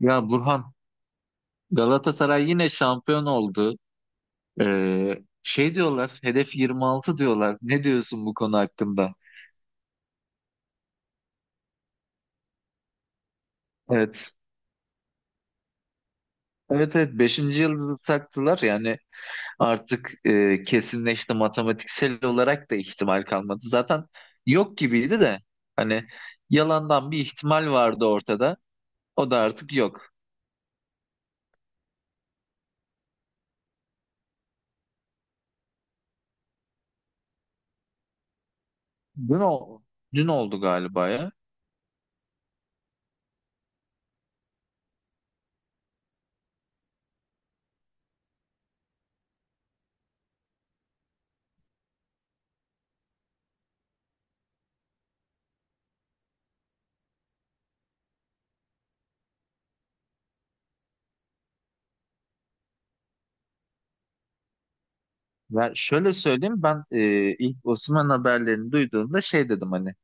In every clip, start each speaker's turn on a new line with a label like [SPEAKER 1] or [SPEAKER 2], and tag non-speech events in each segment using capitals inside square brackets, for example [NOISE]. [SPEAKER 1] Ya Burhan, Galatasaray yine şampiyon oldu. Diyorlar, hedef 26 diyorlar. Ne diyorsun bu konu hakkında? Evet. Evet, evet, beşinci yıldızı taktılar yani artık kesinleşti, matematiksel olarak da ihtimal kalmadı. Zaten yok gibiydi de hani yalandan bir ihtimal vardı ortada. O da artık yok. Dün, o, dün oldu galiba ya. Ya şöyle söyleyeyim ben, ilk Osimhen haberlerini duyduğumda dedim hani.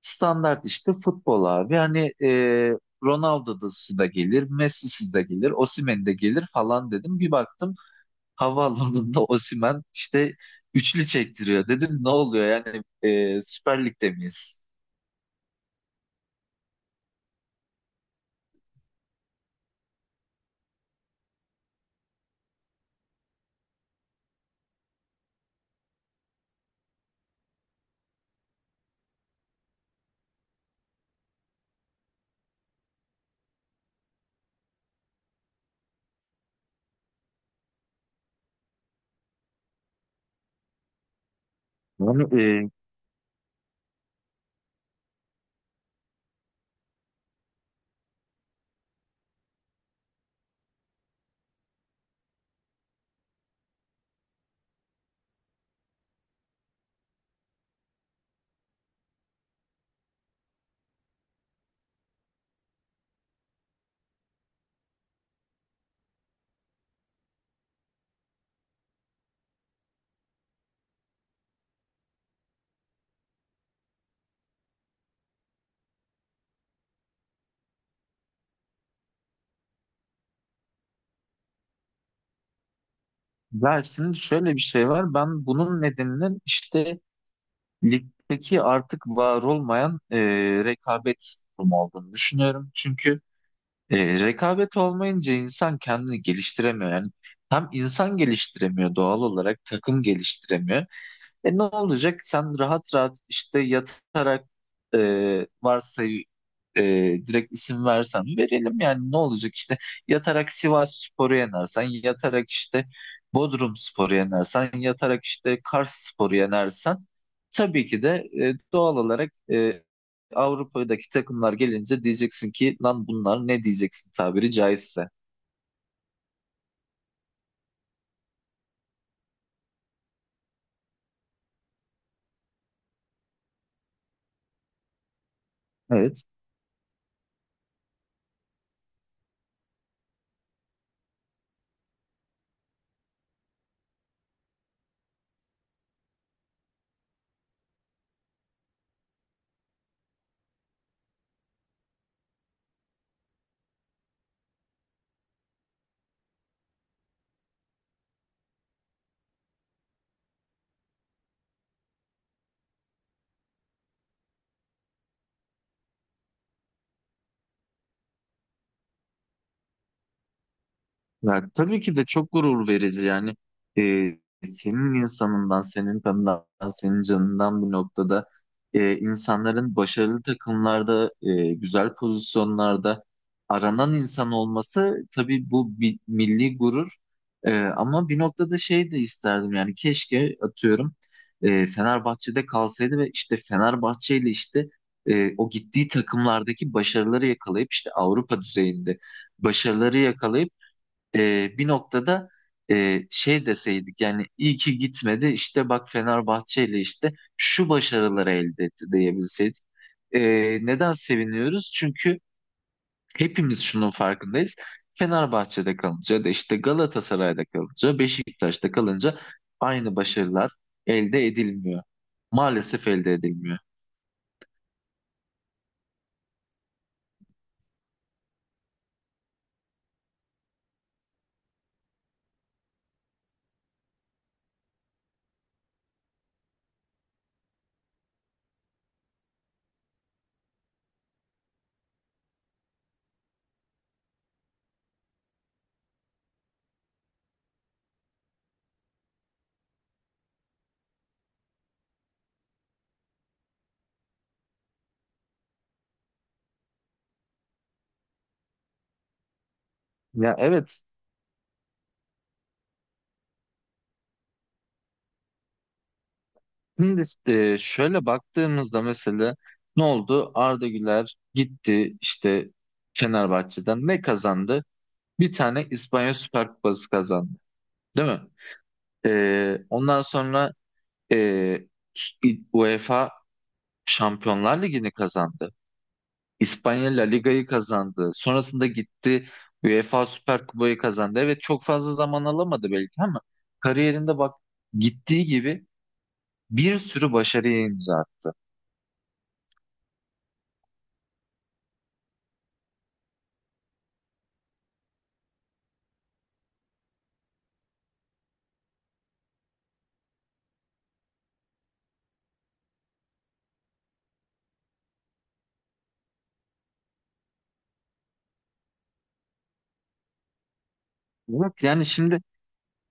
[SPEAKER 1] Standart işte futbol abi. Hani Ronaldo'su da gelir, Messi'si de gelir, Osimhen de gelir falan dedim. Bir baktım havaalanında [LAUGHS] Osimhen işte üçlü çektiriyor. Dedim ne oluyor yani, Süper Lig'de miyiz? Yani, e, ya şimdi şöyle bir şey var. Ben bunun nedeninin işte ligdeki artık var olmayan rekabet durumu olduğunu düşünüyorum. Çünkü rekabet olmayınca insan kendini geliştiremiyor. Yani hem insan geliştiremiyor doğal olarak, takım geliştiremiyor. E, ne olacak? Sen rahat rahat işte yatarak, e, varsayı e, direkt isim versen verelim yani ne olacak, işte yatarak Sivas Spor'u yenersen, yatarak işte Bodrum Spor'u yenersen, yatarak işte Kars Spor'u yenersen tabii ki de doğal olarak Avrupa'daki takımlar gelince diyeceksin ki lan bunlar ne, diyeceksin tabiri caizse. Evet. Ya, tabii ki de çok gurur verici yani. Ee, senin insanından, senin kanından, senin canından bu noktada insanların başarılı takımlarda, güzel pozisyonlarda aranan insan olması tabii bu bir milli gurur. Ama bir noktada şey de isterdim yani, keşke atıyorum Fenerbahçe'de kalsaydı ve işte Fenerbahçe ile işte o gittiği takımlardaki başarıları yakalayıp, işte Avrupa düzeyinde başarıları yakalayıp bir noktada şey deseydik yani, iyi ki gitmedi işte, bak Fenerbahçe ile işte şu başarıları elde etti diyebilseydik. E, neden seviniyoruz? Çünkü hepimiz şunun farkındayız. Fenerbahçe'de kalınca ya da işte Galatasaray'da kalınca, Beşiktaş'ta kalınca aynı başarılar elde edilmiyor. Maalesef elde edilmiyor. Ya evet. Şimdi şöyle baktığımızda mesela ne oldu? Arda Güler gitti işte Fenerbahçe'den. Ne kazandı? Bir tane İspanya Süper Kupası kazandı. Değil mi? Ondan sonra, e, UEFA Şampiyonlar Ligi'ni kazandı. İspanya La Liga'yı kazandı. Sonrasında gitti, UEFA Süper Kupayı kazandı. Evet, çok fazla zaman alamadı belki ama kariyerinde bak, gittiği gibi bir sürü başarıya imza attı. Evet, yani şimdi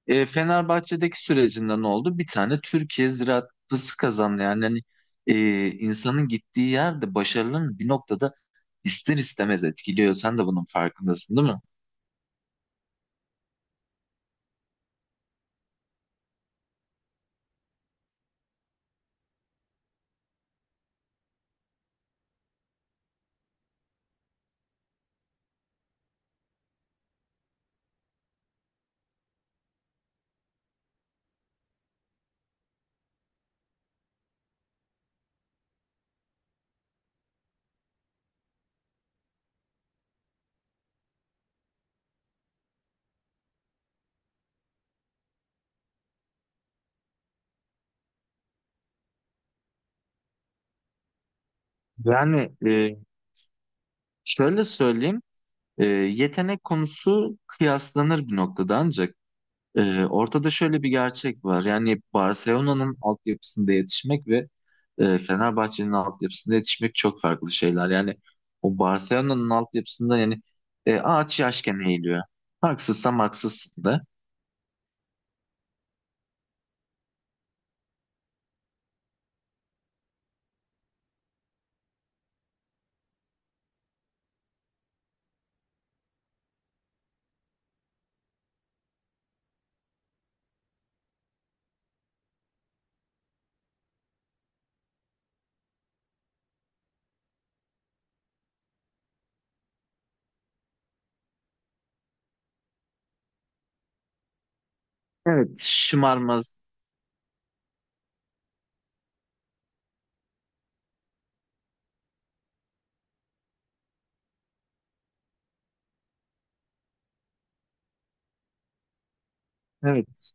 [SPEAKER 1] Fenerbahçe'deki sürecinde ne oldu? Bir tane Türkiye Ziraat Kupası kazandı. Yani hani, insanın gittiği yerde başarının bir noktada ister istemez etkiliyor. Sen de bunun farkındasın, değil mi? Yani, şöyle söyleyeyim, yetenek konusu kıyaslanır bir noktada ancak. Ortada şöyle bir gerçek var. Yani Barcelona'nın altyapısında yetişmek ve Fenerbahçe'nin altyapısında yetişmek çok farklı şeyler. Yani o Barcelona'nın altyapısında yani ağaç yaşken eğiliyor. Haksızsam haksızsın da. Evet, şımarmaz. Evet.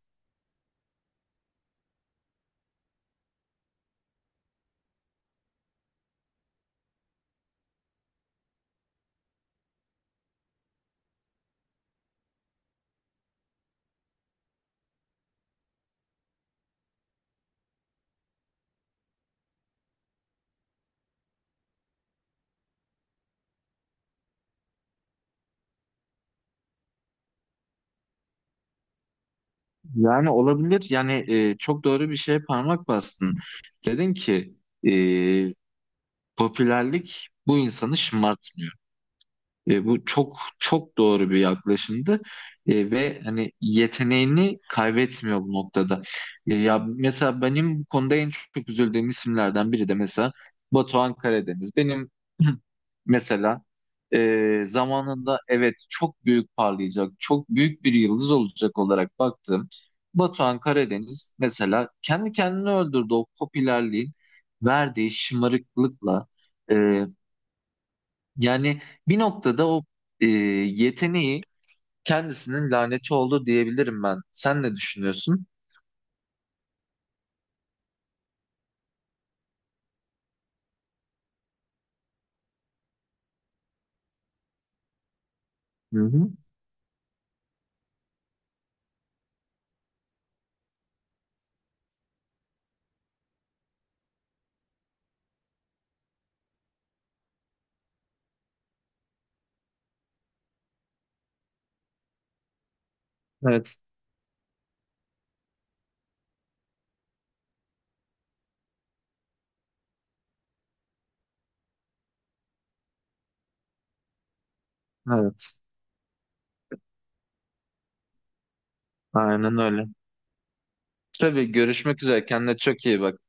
[SPEAKER 1] Yani olabilir. Yani çok doğru bir şeye parmak bastın. Dedin ki e, popülerlik bu insanı şımartmıyor. Bu çok çok doğru bir yaklaşımdı. Ve hani yeteneğini kaybetmiyor bu noktada. Ya mesela benim bu konuda en çok üzüldüğüm isimlerden biri de mesela Batuhan Karadeniz. Benim [CLEARS THROAT] mesela zamanında evet çok büyük parlayacak, çok büyük bir yıldız olacak olarak baktığım Batuhan Karadeniz mesela kendi kendini öldürdü o popülerliğin verdiği şımarıklıkla. E, yani bir noktada o yeteneği kendisinin laneti oldu diyebilirim ben. Sen ne düşünüyorsun? Hı hı. Evet, evet. Aynen öyle. Tabii, görüşmek üzere. Kendine çok iyi bak.